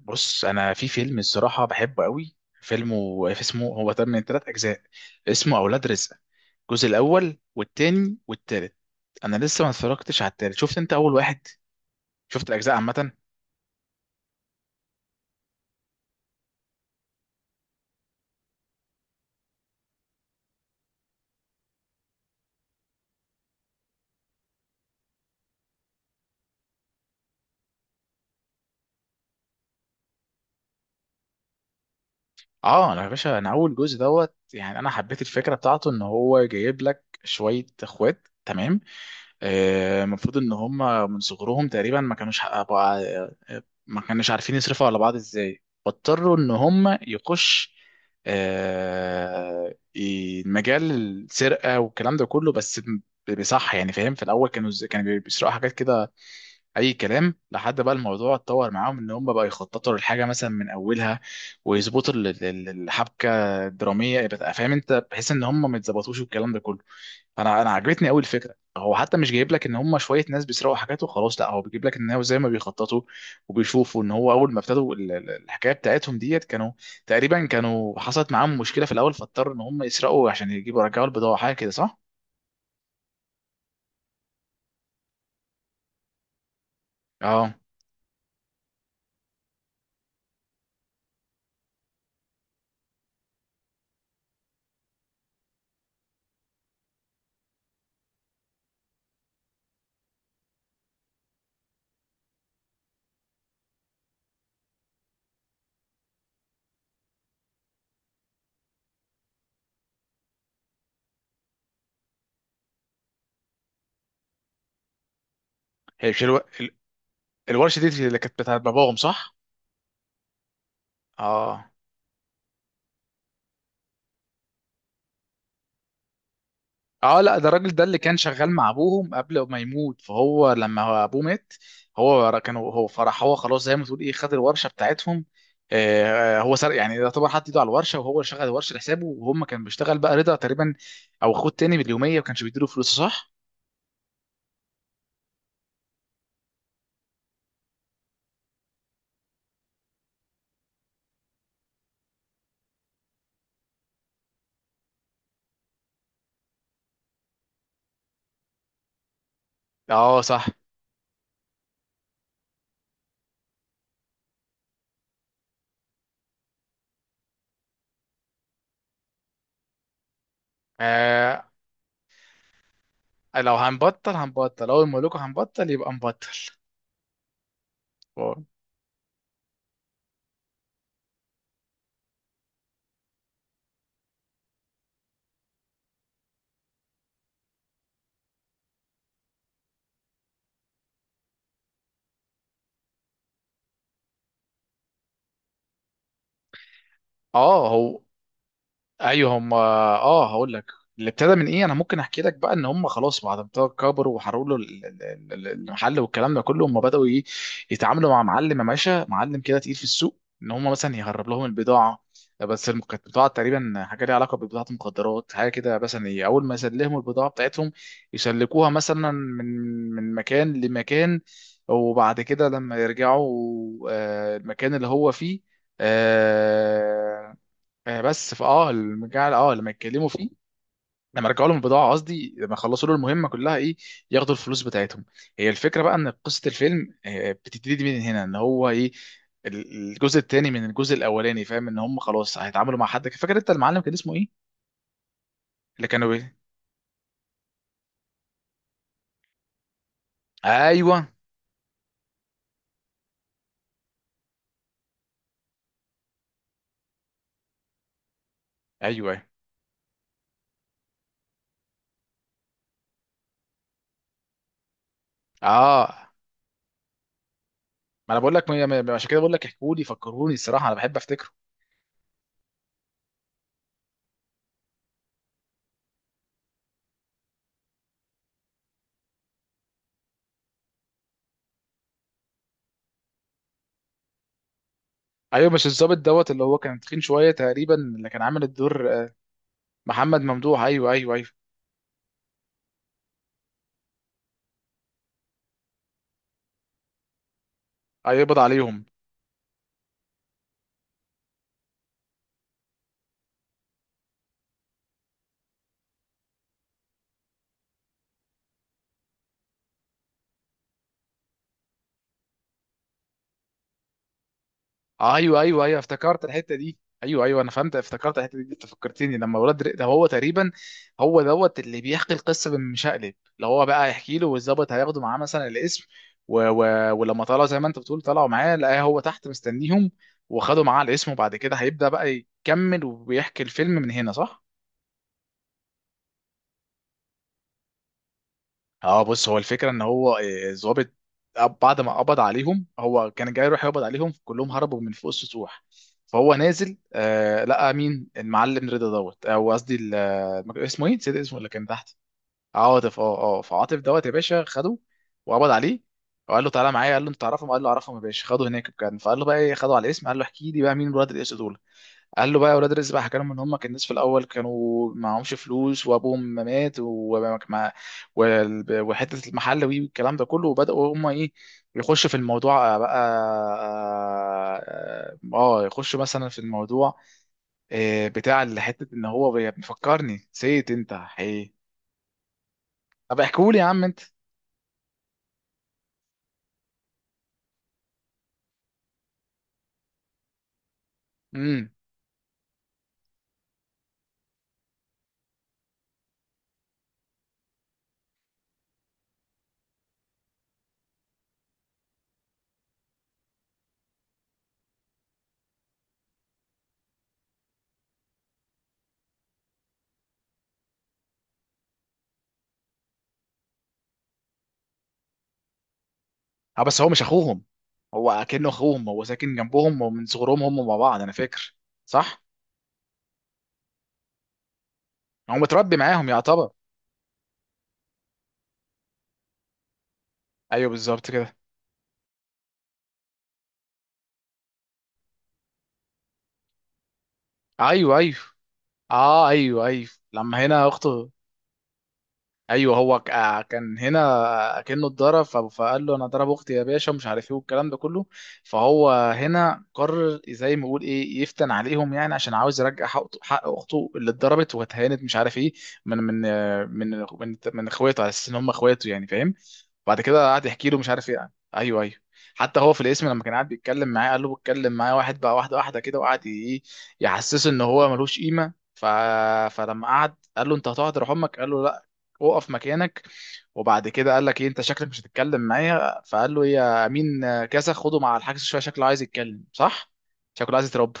بص، انا في فيلم الصراحه بحبه قوي. فيلمه اسمه، هو تم من ثلاث اجزاء. اسمه اولاد رزق، الجزء الاول والتاني والتالت. انا لسه ما اتفرجتش على التالت. شفت انت اول واحد؟ شفت الاجزاء عامه؟ اه، انا يا باشا انا اول جزء دوت. يعني انا حبيت الفكره بتاعته ان هو جايب لك شويه اخوات تمام. المفروض ان هم من صغرهم تقريبا ما كانوش حققوا ما كانوش عارفين يصرفوا على بعض ازاي، فاضطروا ان هم يخش مجال السرقه والكلام ده كله، بس بصح يعني فاهم. في الاول كانوا كانوا بيسرقوا حاجات كده اي كلام. لحد بقى الموضوع اتطور معاهم، ان هم بقى يخططوا للحاجه مثلا من اولها، ويظبطوا الحبكه الدراميه. يبقى فاهم انت، بحيث ان هم ما يتظبطوش والكلام ده كله. انا عجبتني قوي الفكره. هو حتى مش جايب لك ان هم شويه ناس بيسرقوا حاجات وخلاص، لا، هو بيجيب لك ان هو زي ما بيخططوا وبيشوفوا. ان هو اول ما ابتدوا الحكايه بتاعتهم ديت كانوا تقريبا، كانوا حصلت معاهم مشكله في الاول، فاضطروا ان هم يسرقوا عشان يجيبوا يرجعوا البضاعه، حاجه كده صح؟ اه. هي مش الورشه دي اللي كانت بتاعت باباهم صح؟ اه، اه، لا، ده الراجل ده اللي كان شغال مع ابوهم قبل ما يموت، فهو لما هو ابوه مات. هو كان هو فرح. هو خلاص زي ما تقول ايه خد الورشه بتاعتهم. هو سرق يعني. ده طبعا حط ايده على الورشه، وهو اللي شغل الورشه لحسابه، وهم كان بيشتغل بقى رضا تقريبا. او خد تاني باليوميه وكانش بيديله فلوس صح؟ اه، صح. آه لو هنبطل هنبطل، اول ما اقول لكم هنبطل يبقى نبطل. اه، هو ايوه هم. اه، هقول لك. اللي ابتدى من ايه. انا ممكن احكي لك بقى، ان هم خلاص بعد ما ابتدوا كبروا وحرقوا له المحل والكلام ده كله. هم بداوا ايه، يتعاملوا مع معلم يا باشا، معلم كده تقيل في السوق، ان هم مثلا يهرب لهم البضاعه. بس كانت بضاعه تقريبا حاجه ليها علاقه ببضاعه مخدرات، حاجه كده مثلا. ايه اول ما يسلموا البضاعه بتاعتهم يسلكوها مثلا من مكان لمكان. وبعد كده لما يرجعوا المكان اللي هو فيه. آه، بس فاه المجال لما يتكلموا فيه. لما رجعوا لهم البضاعه، قصدي لما خلصوا له المهمه كلها ايه، ياخدوا الفلوس بتاعتهم. هي الفكره بقى ان قصه الفيلم بتبتدي من هنا، ان هو ايه. الجزء الثاني من الجزء الاولاني، فاهم ان هم خلاص هيتعاملوا مع حد. فاكر انت المعلم كان اسمه ايه؟ اللي كانوا بيه. ايوه، ايوه، أيوه. اه، ما انا بقول لك عشان كده بقول لك، احكوا لي، فكروني الصراحه، انا بحب افتكره. ايوه، مش الظابط دوت اللي هو كان تخين شويه تقريبا، اللي كان عامل الدور محمد ممدوح. ايوه، ايوه، ايوه. هيقبض عليهم. ايوه، ايوه، ايوه افتكرت الحته دي. ايوه، ايوه، انا فهمت افتكرت الحته دي. انت فكرتني لما ولاد ده هو تقريبا. هو دوت اللي بيحكي القصه بالمشقلب، اللي هو بقى يحكي له، والظابط هياخده معاه مثلا الاسم. ولما طلع زي ما انت بتقول، طلعوا معاه لقاه هو تحت مستنيهم. وخدوا معاه الاسم، وبعد كده هيبدا بقى يكمل، وبيحكي الفيلم من هنا صح؟ اه، بص. هو الفكره ان هو ظابط. بعد ما قبض عليهم، هو كان جاي يروح يقبض عليهم كلهم، هربوا من فوق السطوح. فهو نازل، لقى مين؟ المعلم رضا دوت، او قصدي اسمه ايه نسيت اسمه، اللي كان تحت. عاطف، اه، اه. فعاطف دوت يا باشا خده، وقبض عليه، وقال له تعالى معايا. قال له انت تعرفهم؟ قال له اعرفهم يا باشا. خده هناك كان، فقال له بقى ايه، خده على الاسم. قال له احكي لي بقى مين الولاد الاسود دول. قال له بقى يا ولاد رزق بقى. حكى لهم ان هم كان الناس في الاول كانوا معهمش فلوس، وابوهم ما مات، وحته المحل والكلام ده كله، وبداوا هم ايه يخشوا في الموضوع بقى. اه. يخشوا مثلا في الموضوع بتاع اللي حته ان هو بيفكرني نسيت انت. ايه؟ طب احكوا لي يا عم انت. امم اه، بس هو مش اخوهم. هو اكنه اخوهم، هو ساكن جنبهم ومن صغرهم هم مع بعض. انا فاكر صح. هو متربي معاهم يعتبر. ايوه، بالظبط كده. ايوه، ايوه. اه، ايوه، ايوه لما هنا اخته. ايوه. هو كان هنا كأنه اتضرب. فقال له انا ضرب اختي يا باشا ومش عارف ايه والكلام ده كله. فهو هنا قرر، زي ما يقول ايه، يفتن عليهم، يعني عشان عاوز يرجع حق حق اخته اللي اتضربت واتهانت مش عارف ايه. من من آه، من من من اخواته على اساس ان هم اخواته يعني فاهم. بعد كده قعد يحكي له مش عارف ايه. ايوه، ايوه. حتى هو في الاسم، لما كان قاعد بيتكلم معاه قال له بتكلم معاه واحد بقى، واحده واحده كده، وقعد ايه يحسسه ان هو ملوش قيمه. فلما قعد قال له انت هتقعد روح امك. قال له لا، اقف مكانك. وبعد كده قال لك ايه، انت شكلك مش هتتكلم معايا. فقال له إيه يا امين؟ كذا، خده مع الحجز شويه، شكله عايز يتكلم صح، شكله عايز يترب.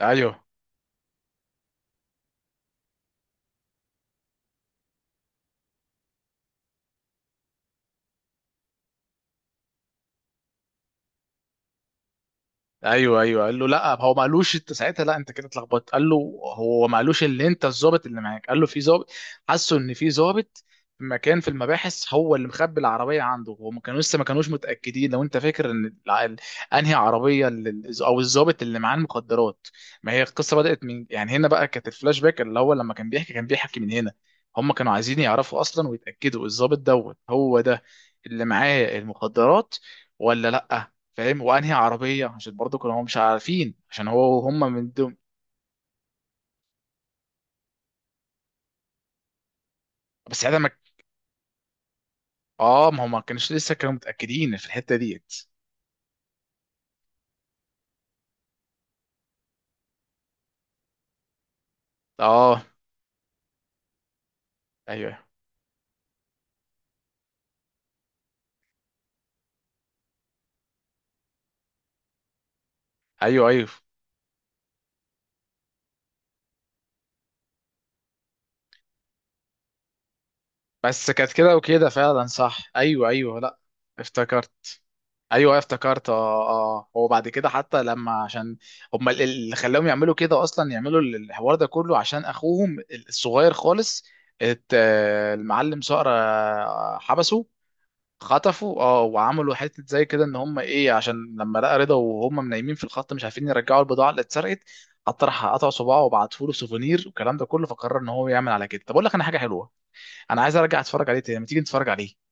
ايوه، ايوه، ايوه. قال له لا، هو ما قالوش انت ساعتها. لا، انت كده اتلخبطت. قال له هو ما قالوش اللي انت الظابط اللي معاك. قال له في ظابط، حسوا ان في ظابط في مكان في المباحث هو اللي مخبي العربيه عنده. وما كانوا لسه، ما كانوش متاكدين لو انت فاكر، ان انهي عربيه او الظابط اللي معاه المخدرات. ما هي القصه بدات من يعني هنا بقى كانت الفلاش باك، اللي هو لما كان بيحكي من هنا. هم كانوا عايزين يعرفوا اصلا ويتاكدوا الظابط دوت هو ده اللي معاه المخدرات ولا لا. فاهم. وانهي عربيه، عشان برضه كانوا هم مش عارفين، عشان هو وهم من دول. بس ساعتها ما هم ما كانوش لسه، كانوا متاكدين في الحته ديت. اه، ايوه، ايوه، ايوه. بس كانت كده وكده فعلا صح. ايوه، ايوه، لا. افتكرت. ايوه افتكرت، اه، اه. هو بعد كده حتى لما، عشان هم اللي خلاهم يعملوا كده اصلا، يعملوا الحوار ده كله عشان اخوهم الصغير خالص. المعلم صقر حبسه. خطفوا، اه. وعملوا حته زي كده ان هم ايه، عشان لما لقى رضا وهم نايمين في الخط مش عارفين يرجعوا البضاعه اللي اتسرقت. حتى راح قطع صباعه وبعته له سوفونير والكلام ده كله. فقرر ان هو يعمل على كده. طب اقول لك انا حاجه حلوه، انا عايز ارجع اتفرج عليه تاني. ما تيجي نتفرج عليه.